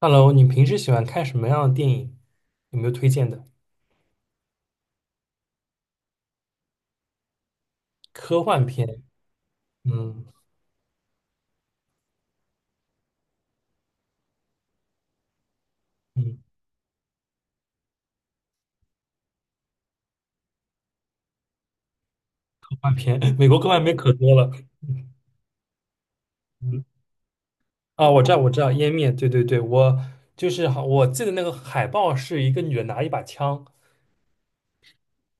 Hello，你平时喜欢看什么样的电影？有没有推荐的？科幻片，嗯嗯，科幻片，美国科幻片可多了。嗯啊，我知道，我知道，《湮灭》，对对对，我就是好，我记得那个海报是一个女的拿一把枪，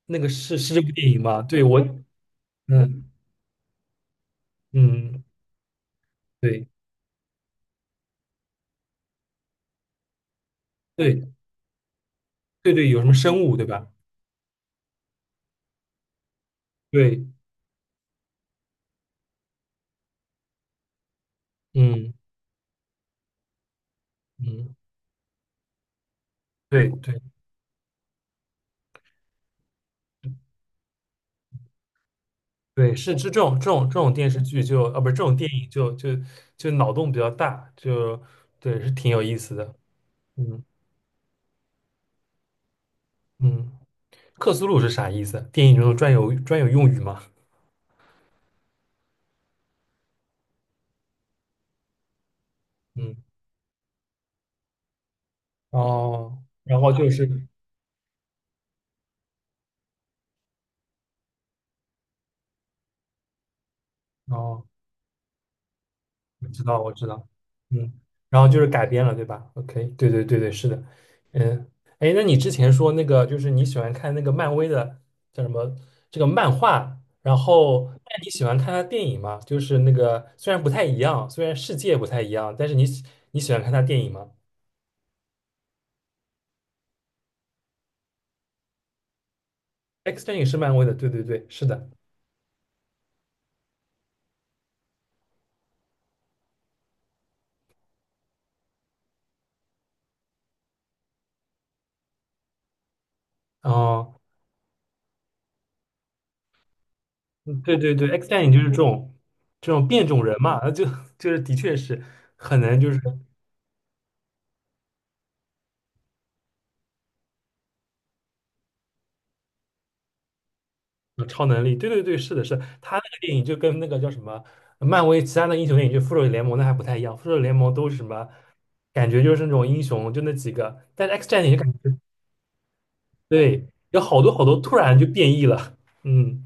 那个是这部电影吗？对，我，嗯嗯，对对对对，有什么生物对吧？对，嗯嗯，对对，对，是这种电视剧就啊，不是这种电影就脑洞比较大，就对，是挺有意思的。嗯嗯，克苏鲁是啥意思？电影中专有用语吗？嗯哦，然后就是哦。我知道，我知道，嗯，然后就是改编了，对吧？OK，对对对对，是的，嗯，哎，那你之前说那个就是你喜欢看那个漫威的叫什么这个漫画，然后那你喜欢看他电影吗？就是那个虽然不太一样，虽然世界不太一样，但是你喜欢看他电影吗？X 战警是漫威的，对对对，是的，哦，嗯对对对，X 战警就是这种变种人嘛，那就 就是的确是很难就是。超能力，对对对，是的是的，他那个电影就跟那个叫什么漫威其他的英雄电影，就复仇者联盟那还不太一样，复仇者联盟都是什么，感觉就是那种英雄就那几个，但是 X 战警就感觉对，有好多好多突然就变异了，嗯，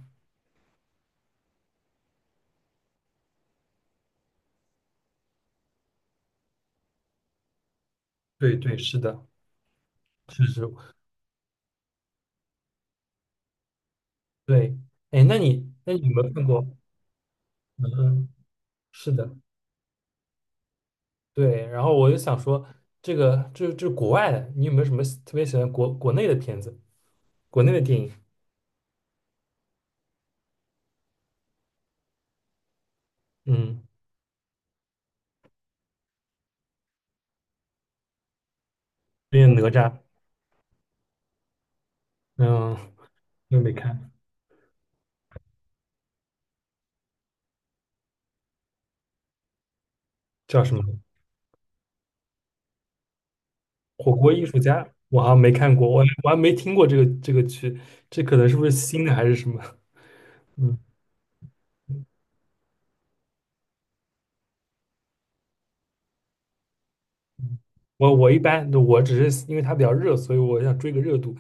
对对，是的，是是，对，哎，那你有没有看过？嗯，是的，对，然后我就想说，这个这国外的，你有没有什么特别喜欢国内的片子，国内的电影？嗯，那个哪吒，嗯，又没看。叫什么火锅艺术家，我好像没看过，我还没听过这个剧，这可能是不是新的还是什么？嗯，我一般我只是因为它比较热，所以我想追个热度。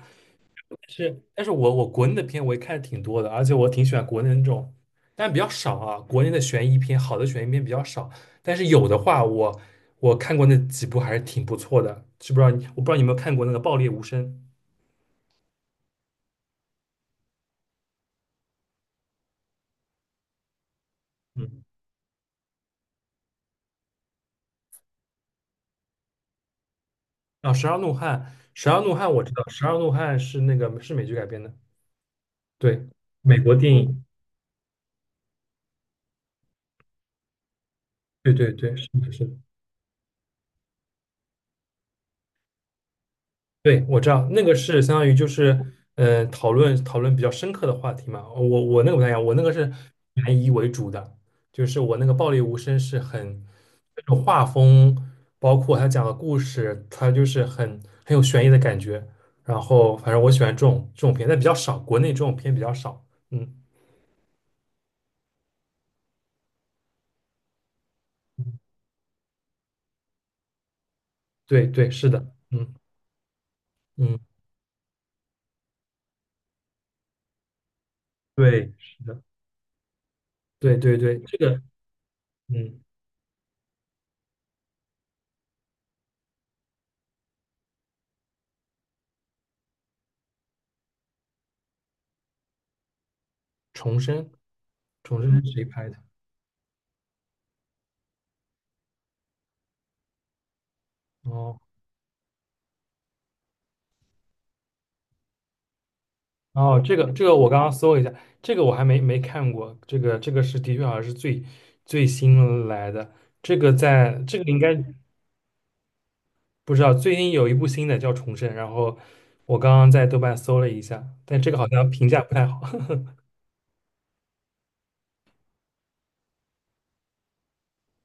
但是我国内的片我也看的挺多的，而且我挺喜欢国内的那种，但比较少啊。国内的悬疑片，好的悬疑片比较少，但是有的话我看过那几部还是挺不错的。知不知道你我不知道你有没有看过那个《爆裂无声》？嗯，啊，《十二怒汉》，《十二怒汉》我知道，《十二怒汉》是那个是美剧改编的。对，美国电影，对对对，是的，是的，对，我知道那个是相当于就是，讨论讨论比较深刻的话题嘛。我那个不太一样，我那个是悬疑为主的，就是我那个《暴力无声》是很那种画风，包括他讲的故事，他就是很有悬疑的感觉。然后反正我喜欢这种片，但比较少，国内这种片比较少。嗯，对对，是的，嗯嗯，对，是的，对对对，这个嗯。重生，重生是谁拍的？哦哦，这个我刚刚搜了一下，这个我还没看过，这个是的确好像是最新来的，这个在这个应该不知道，最近有一部新的叫《重生》，然后我刚刚在豆瓣搜了一下，但这个好像评价不太好，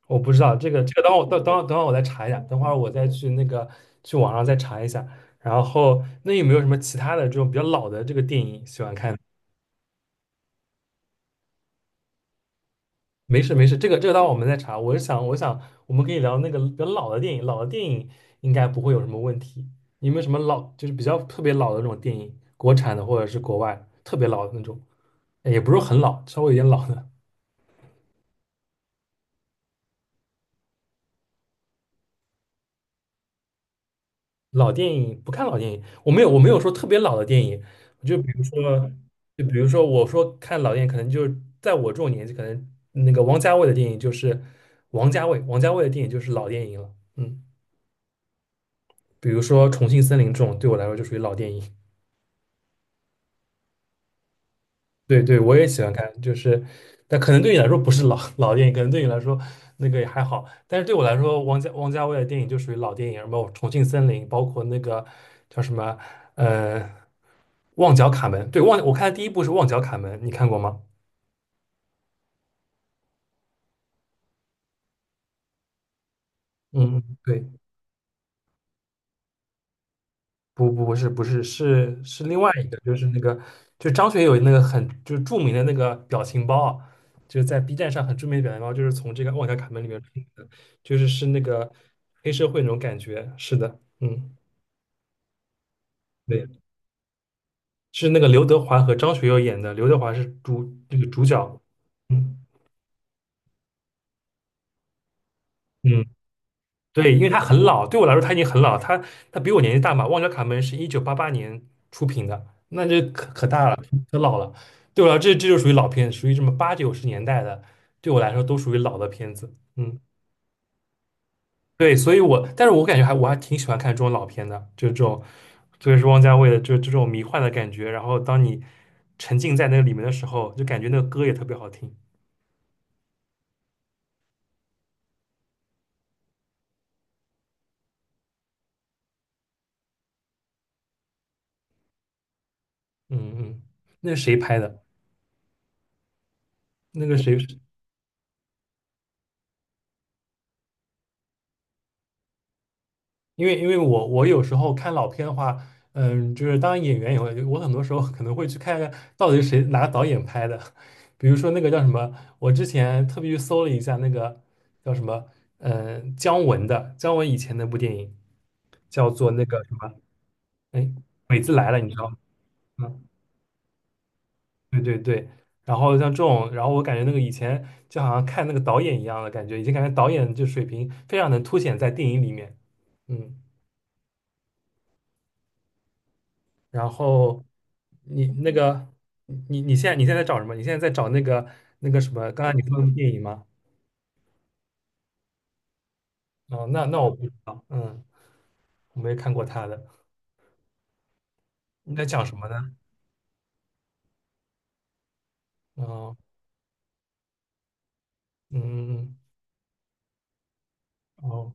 我不知道这个等会我再查一下，等会儿我再去那个去网上再查一下，然后那有没有什么其他的这种比较老的这个电影喜欢看？没事没事，这个待会儿我们再查。我是想，我想我们可以聊那个比较老的电影，老的电影应该不会有什么问题。有没有什么老，就是比较特别老的那种电影，国产的或者是国外特别老的那种，也不是很老，稍微有点老的老电影。不看老电影，我没有说特别老的电影，就比如说，我说看老电影，可能就是在我这种年纪，可能那个王家卫的电影就是王家卫的电影就是老电影了。嗯，比如说《重庆森林》这种，对我来说就属于老电影。对对，我也喜欢看，就是，但可能对你来说不是老电影，可能对你来说那个也还好，但是对我来说，王家卫的电影就属于老电影，什么《重庆森林》，包括那个叫什么，呃，《旺角卡门》。对，我看的第一部是《旺角卡门》，你看过吗？嗯，对。不是另外一个，就是那个就张学友那个很就是著名的那个表情包啊，就是在 B 站上很著名的表情包，就是从这个《旺角卡门》里面出来的，就是那个黑社会那种感觉。是的，嗯，对，是那个刘德华和张学友演的，刘德华是那个主角。嗯嗯，对，因为他很老，对我来说他已经很老，他比我年纪大嘛。旺角卡门是1988年出品的，那这可大了，可老了。对我来说，这就属于老片，属于什么八九十年代的，对我来说都属于老的片子。嗯，对，所以我，但是我感觉还我还挺喜欢看这种老片的，就这种，特别是汪家卫的就这种迷幻的感觉。然后当你沉浸在那个里面的时候，就感觉那个歌也特别好听。嗯嗯，那是谁拍的？那个谁？因为我有时候看老片的话，嗯，就是当演员以后，我很多时候可能会去看看到底是谁哪个导演拍的，比如说那个叫什么，我之前特别去搜了一下那个叫什么，嗯，姜文以前那部电影叫做那个什么，哎，鬼子来了，你知道吗？嗯，对对对。然后像这种，然后我感觉那个以前就好像看那个导演一样的感觉，已经感觉导演就水平非常能凸显在电影里面，嗯。然后你那个你现在在找什么？你现在在找那个什么？刚才你说的电影吗？哦，那我不知道，嗯，我没看过他的，你在讲什么呢？哦，嗯，哦，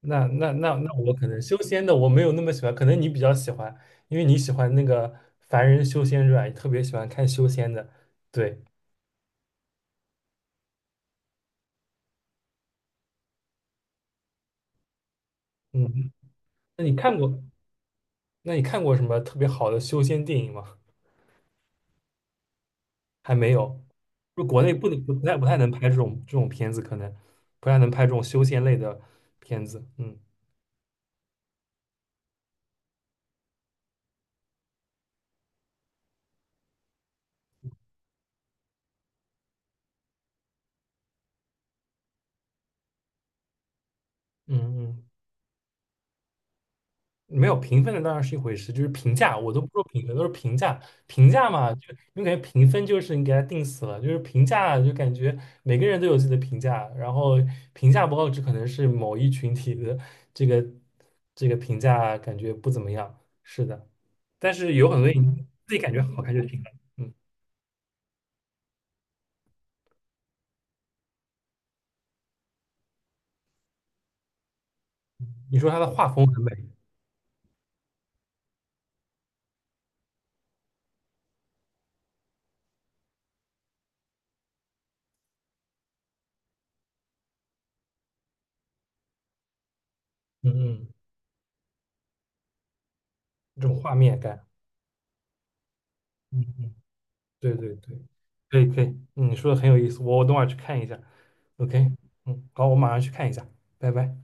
那我可能修仙的我没有那么喜欢，可能你比较喜欢，因为你喜欢那个凡人修仙传，你特别喜欢看修仙的，对，嗯，那你看过那你看过什么特别好的修仙电影吗？还没有，就国内不太能拍这种片子，可能不太能拍这种修仙类的片子。嗯嗯嗯，没有评分的当然是一回事，就是评价，我都不说评分，都是评价。评价嘛，就因为感觉评分就是你给它定死了，就是评价就感觉每个人都有自己的评价，然后评价不好，只可能是某一群体的这个这个评价感觉不怎么样。是的，但是有很多你自己感觉好看就行了。嗯，你说它的画风很美。嗯嗯，这种画面感，嗯嗯，对对对，可以可以，嗯你说的很有意思，我等会儿去看一下。OK，嗯，好，我马上去看一下，拜拜。